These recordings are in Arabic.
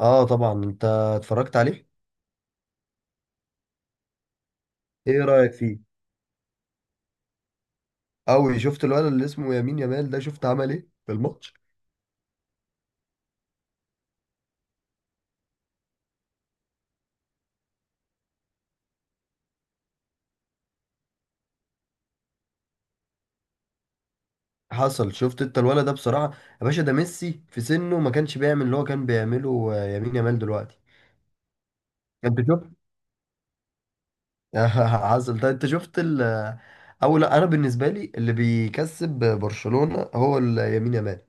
اه، طبعا انت اتفرجت عليه. ايه رأيك فيه؟ قوي. شفت الولد اللي اسمه يمين يامال ده؟ شفت عمل ايه في الماتش؟ حصل. شفت انت الولد ده بصراحة؟ يا باشا، ده ميسي في سنه ما كانش بيعمل اللي هو كان بيعمله يمين يامال دلوقتي. انت شفت؟ حصل ده. انت شفت ال آه، او لا، انا بالنسبة لي اللي بيكسب برشلونة هو يمين يامال.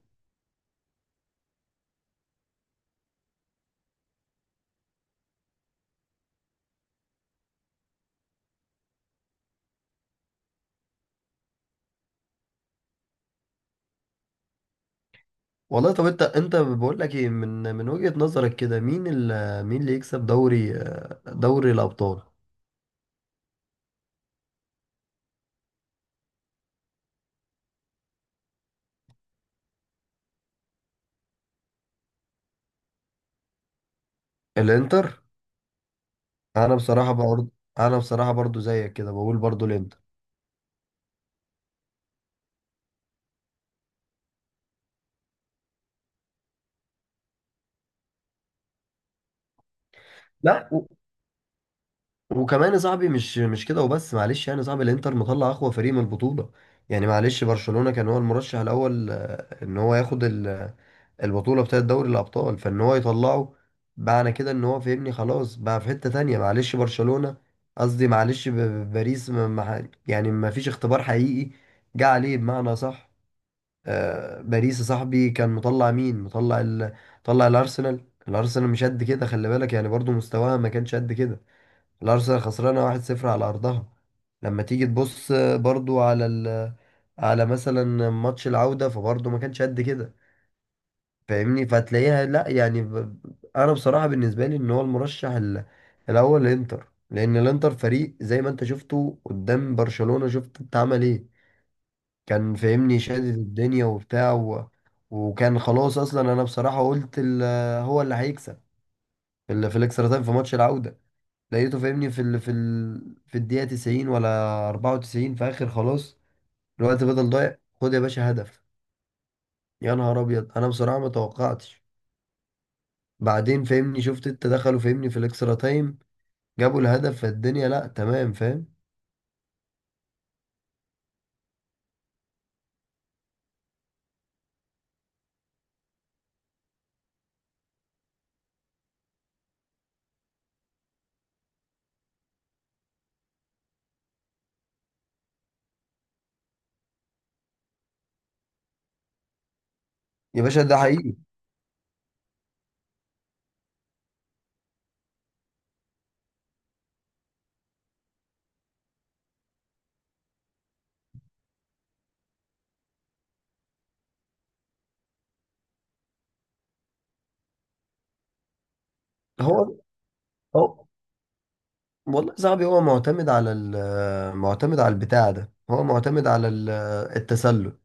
والله طب، انت بقول لك ايه، من وجهة نظرك كده، مين اللي يكسب دوري دوري الابطال؟ الانتر. انا بصراحه برضه، انا بصراحه برضه زيك كده بقول برضه الانتر. لا. وكمان يا صاحبي، مش كده وبس، معلش يعني يا صاحبي، الانتر مطلع اقوى فريق من البطوله. يعني معلش، برشلونه كان هو المرشح الاول ان هو ياخد البطوله بتاعه دوري الابطال، فان هو يطلعه، معنى كده ان هو، فهمني، خلاص بقى في حته تانية معلش برشلونه. قصدي معلش، باريس ما... ما... ح- يعني ما فيش اختبار حقيقي جه عليه بمعنى صح. باريس يا صاحبي، كان مطلع مين، مطلع مطلع الارسنال. الارسنال مش قد كده، خلي بالك، يعني برضو مستواها ما كانش قد كده. الارسنال خسرانه 1-0 على ارضها. لما تيجي تبص برضو على على مثلا ماتش العوده، فبرضو ما كانش قد كده، فاهمني. فتلاقيها لا يعني انا بصراحه بالنسبه لي ان هو المرشح الاول الانتر، لان الانتر فريق زي ما انت شفته قدام برشلونه، شفت انت عمل ايه. كان فاهمني شادد الدنيا وبتاع وكان خلاص، اصلا انا بصراحه قلت هو اللي هيكسب في الاكسترا تايم في ماتش العوده. لقيته فاهمني في الدقيقه 90 ولا 94، في اخر خلاص الوقت بدل ضايع، خد يا باشا هدف. يا نهار ابيض، انا بصراحه ما توقعتش. بعدين فاهمني شفت انت دخلوا فاهمني في الاكسترا تايم، جابوا الهدف فالدنيا. لا تمام فاهم. يا باشا ده حقيقي. هو هو والله صاحبي، هو معتمد على البتاع ده، هو معتمد على التسلل.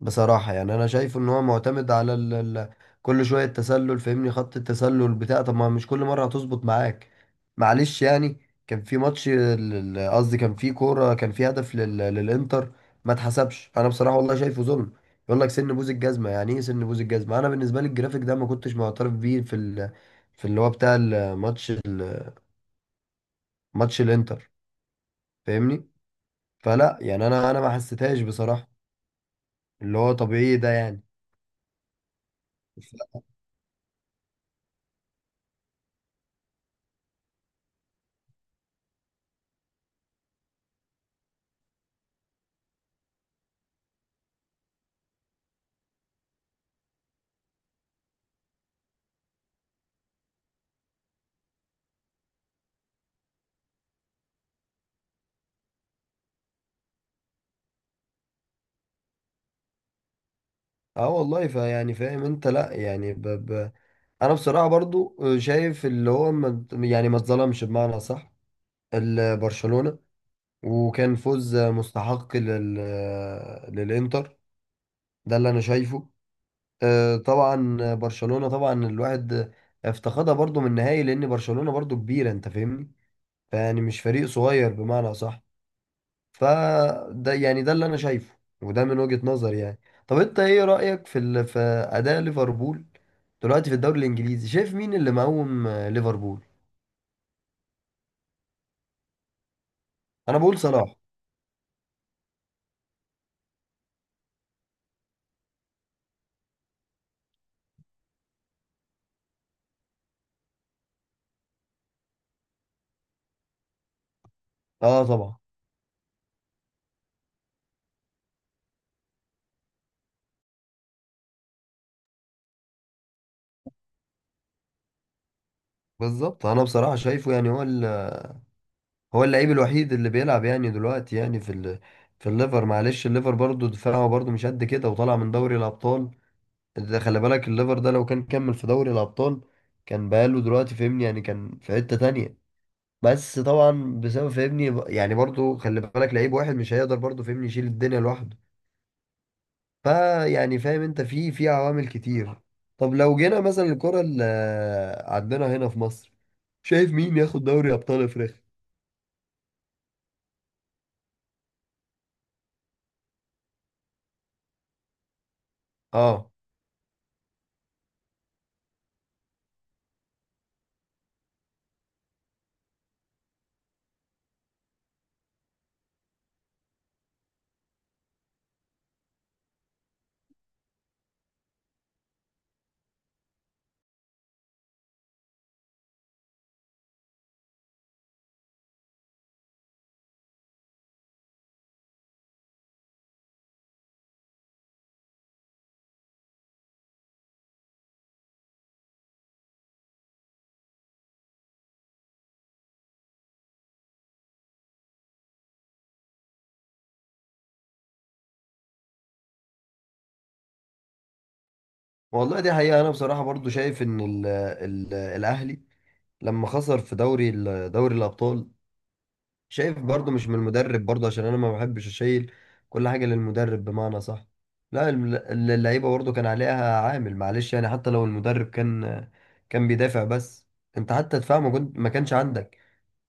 بصراحة يعني أنا شايف إن هو معتمد على ال ال كل شوية التسلل، فاهمني، خط التسلل بتاع. طب ما مش كل مرة هتظبط معاك، معلش يعني. كان في ماتش قصدي كان في كورة، كان في هدف للإنتر، ما اتحسبش. أنا بصراحة والله شايفه ظلم. يقول لك سن بوز الجزمة، يعني إيه سن بوز الجزمة؟ أنا بالنسبة لي الجرافيك ده ما كنتش معترف بيه في في اللي هو بتاع الماتش، ماتش الإنتر، فاهمني. فلا يعني، انا ما حسيتهاش بصراحه، اللي هو طبيعي ده يعني. ف- اه والله، فيعني فاهم انت، لا يعني انا بصراحه برضو شايف اللي هو ما... يعني ما اتظلمش بمعنى صح برشلونه، وكان فوز مستحق للانتر. ده اللي انا شايفه. طبعا برشلونه، طبعا الواحد افتقدها برضو من النهائي، لان برشلونه برضو كبيره انت فاهمني، فيعني مش فريق صغير بمعنى صح. فده يعني، ده اللي انا شايفه، وده من وجهة نظري يعني. طب انت ايه رأيك في اداء ليفربول دلوقتي في الدوري الانجليزي؟ شايف مين اللي مقوم ليفربول؟ انا بقول صلاح. اه طبعا. بالظبط. انا بصراحة شايفه يعني هو هو اللعيب الوحيد اللي بيلعب يعني دلوقتي، يعني في الليفر. معلش الليفر برضو دفاعه برضو مش قد كده، وطالع من دوري الابطال. ده خلي بالك، الليفر ده لو كان كمل في دوري الابطال كان بقاله دلوقتي، فهمني يعني، كان في حتة تانية. بس طبعا بسبب، فاهمني، يعني برضو خلي بالك لعيب واحد مش هيقدر برضو فاهمني يشيل الدنيا لوحده، فا يعني فاهم انت، في عوامل كتير. طب لو جينا مثلا الكرة اللي عندنا هنا في مصر، شايف مين ياخد دوري ابطال افريقيا؟ اه والله دي حقيقة. انا بصراحة برضو شايف ان ال الاهلي لما خسر في دوري الابطال، شايف برضو مش من المدرب برضو، عشان انا ما بحبش اشيل كل حاجة للمدرب بمعنى صح. لا، اللعيبة برضو كان عليها عامل، معلش يعني. حتى لو المدرب كان بيدافع بس، انت حتى دفاع ما كانش عندك.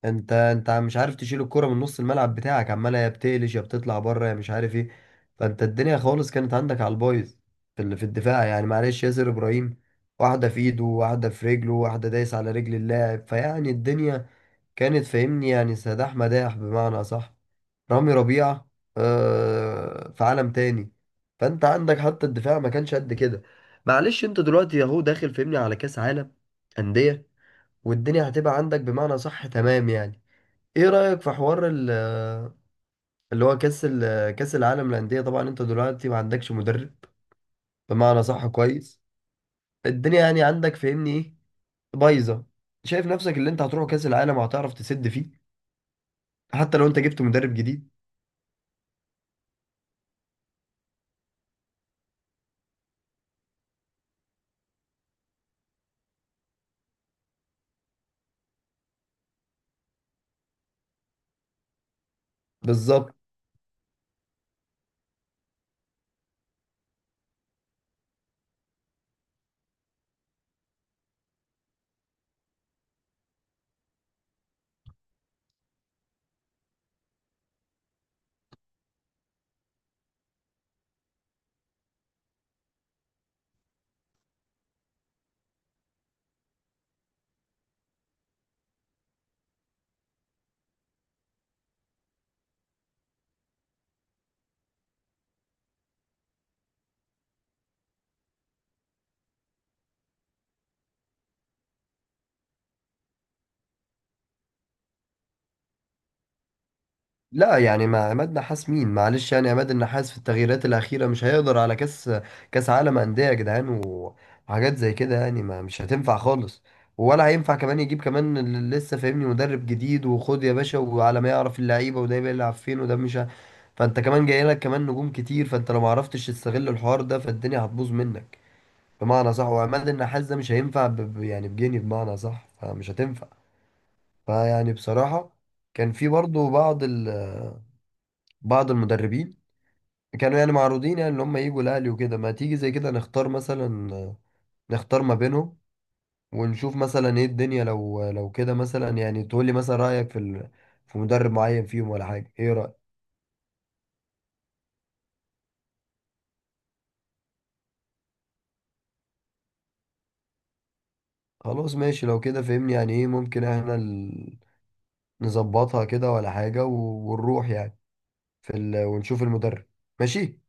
انت مش عارف تشيل الكرة من نص الملعب بتاعك، عمالة يا بتقلش يا بتطلع بره يا مش عارف ايه. فانت الدنيا خالص كانت عندك على البايظ في الدفاع، يعني معلش، ياسر ابراهيم واحدة في ايده، واحدة في رجله، واحدة دايس على رجل اللاعب، فيعني الدنيا كانت فاهمني، يعني سداح مداح بمعنى أصح. رامي ربيعة في عالم تاني. فأنت عندك حتى الدفاع ما كانش قد كده. معلش أنت دلوقتي أهو داخل فاهمني على كأس عالم أندية، والدنيا هتبقى عندك بمعنى صح، تمام يعني. إيه رأيك في حوار اللي هو كأس العالم للأندية؟ طبعا أنت دلوقتي ما عندكش مدرب بمعنى صح، كويس. الدنيا يعني عندك فاهمني إيه؟ بايظة. شايف نفسك اللي أنت هتروح كأس العالم وهتعرف تسد فيه حتى لو أنت جبت مدرب جديد؟ بالظبط. لا يعني، مع عماد نحاس مين، معلش يعني. عماد النحاس في التغييرات الأخيرة مش هيقدر على كأس عالم أندية يا جدعان، وحاجات زي كده يعني، ما مش هتنفع خالص. ولا هينفع كمان يجيب كمان لسه فاهمني مدرب جديد، وخد يا باشا وعلى ما يعرف اللعيبة وده بيلعب فين وده مش فأنت كمان جاي لك كمان نجوم كتير، فأنت لو ما عرفتش تستغل الحوار ده فالدنيا هتبوظ منك بمعنى صح. وعماد النحاس ده مش هينفع يعني بجنيه بمعنى صح، فمش هتنفع. فيعني بصراحة، كان في برضه بعض بعض المدربين كانوا يعني معروضين، يعني ان هم يجوا الاهلي وكده. ما تيجي زي كده نختار مثلا، نختار ما بينهم ونشوف مثلا ايه الدنيا. لو كده مثلا يعني تقول لي مثلا رايك في مدرب معين فيهم ولا حاجه. ايه رايك؟ خلاص ماشي، لو كده فهمني يعني ايه، ممكن احنا نظبطها كده ولا حاجه ونروح يعني ونشوف المدرب، ماشي.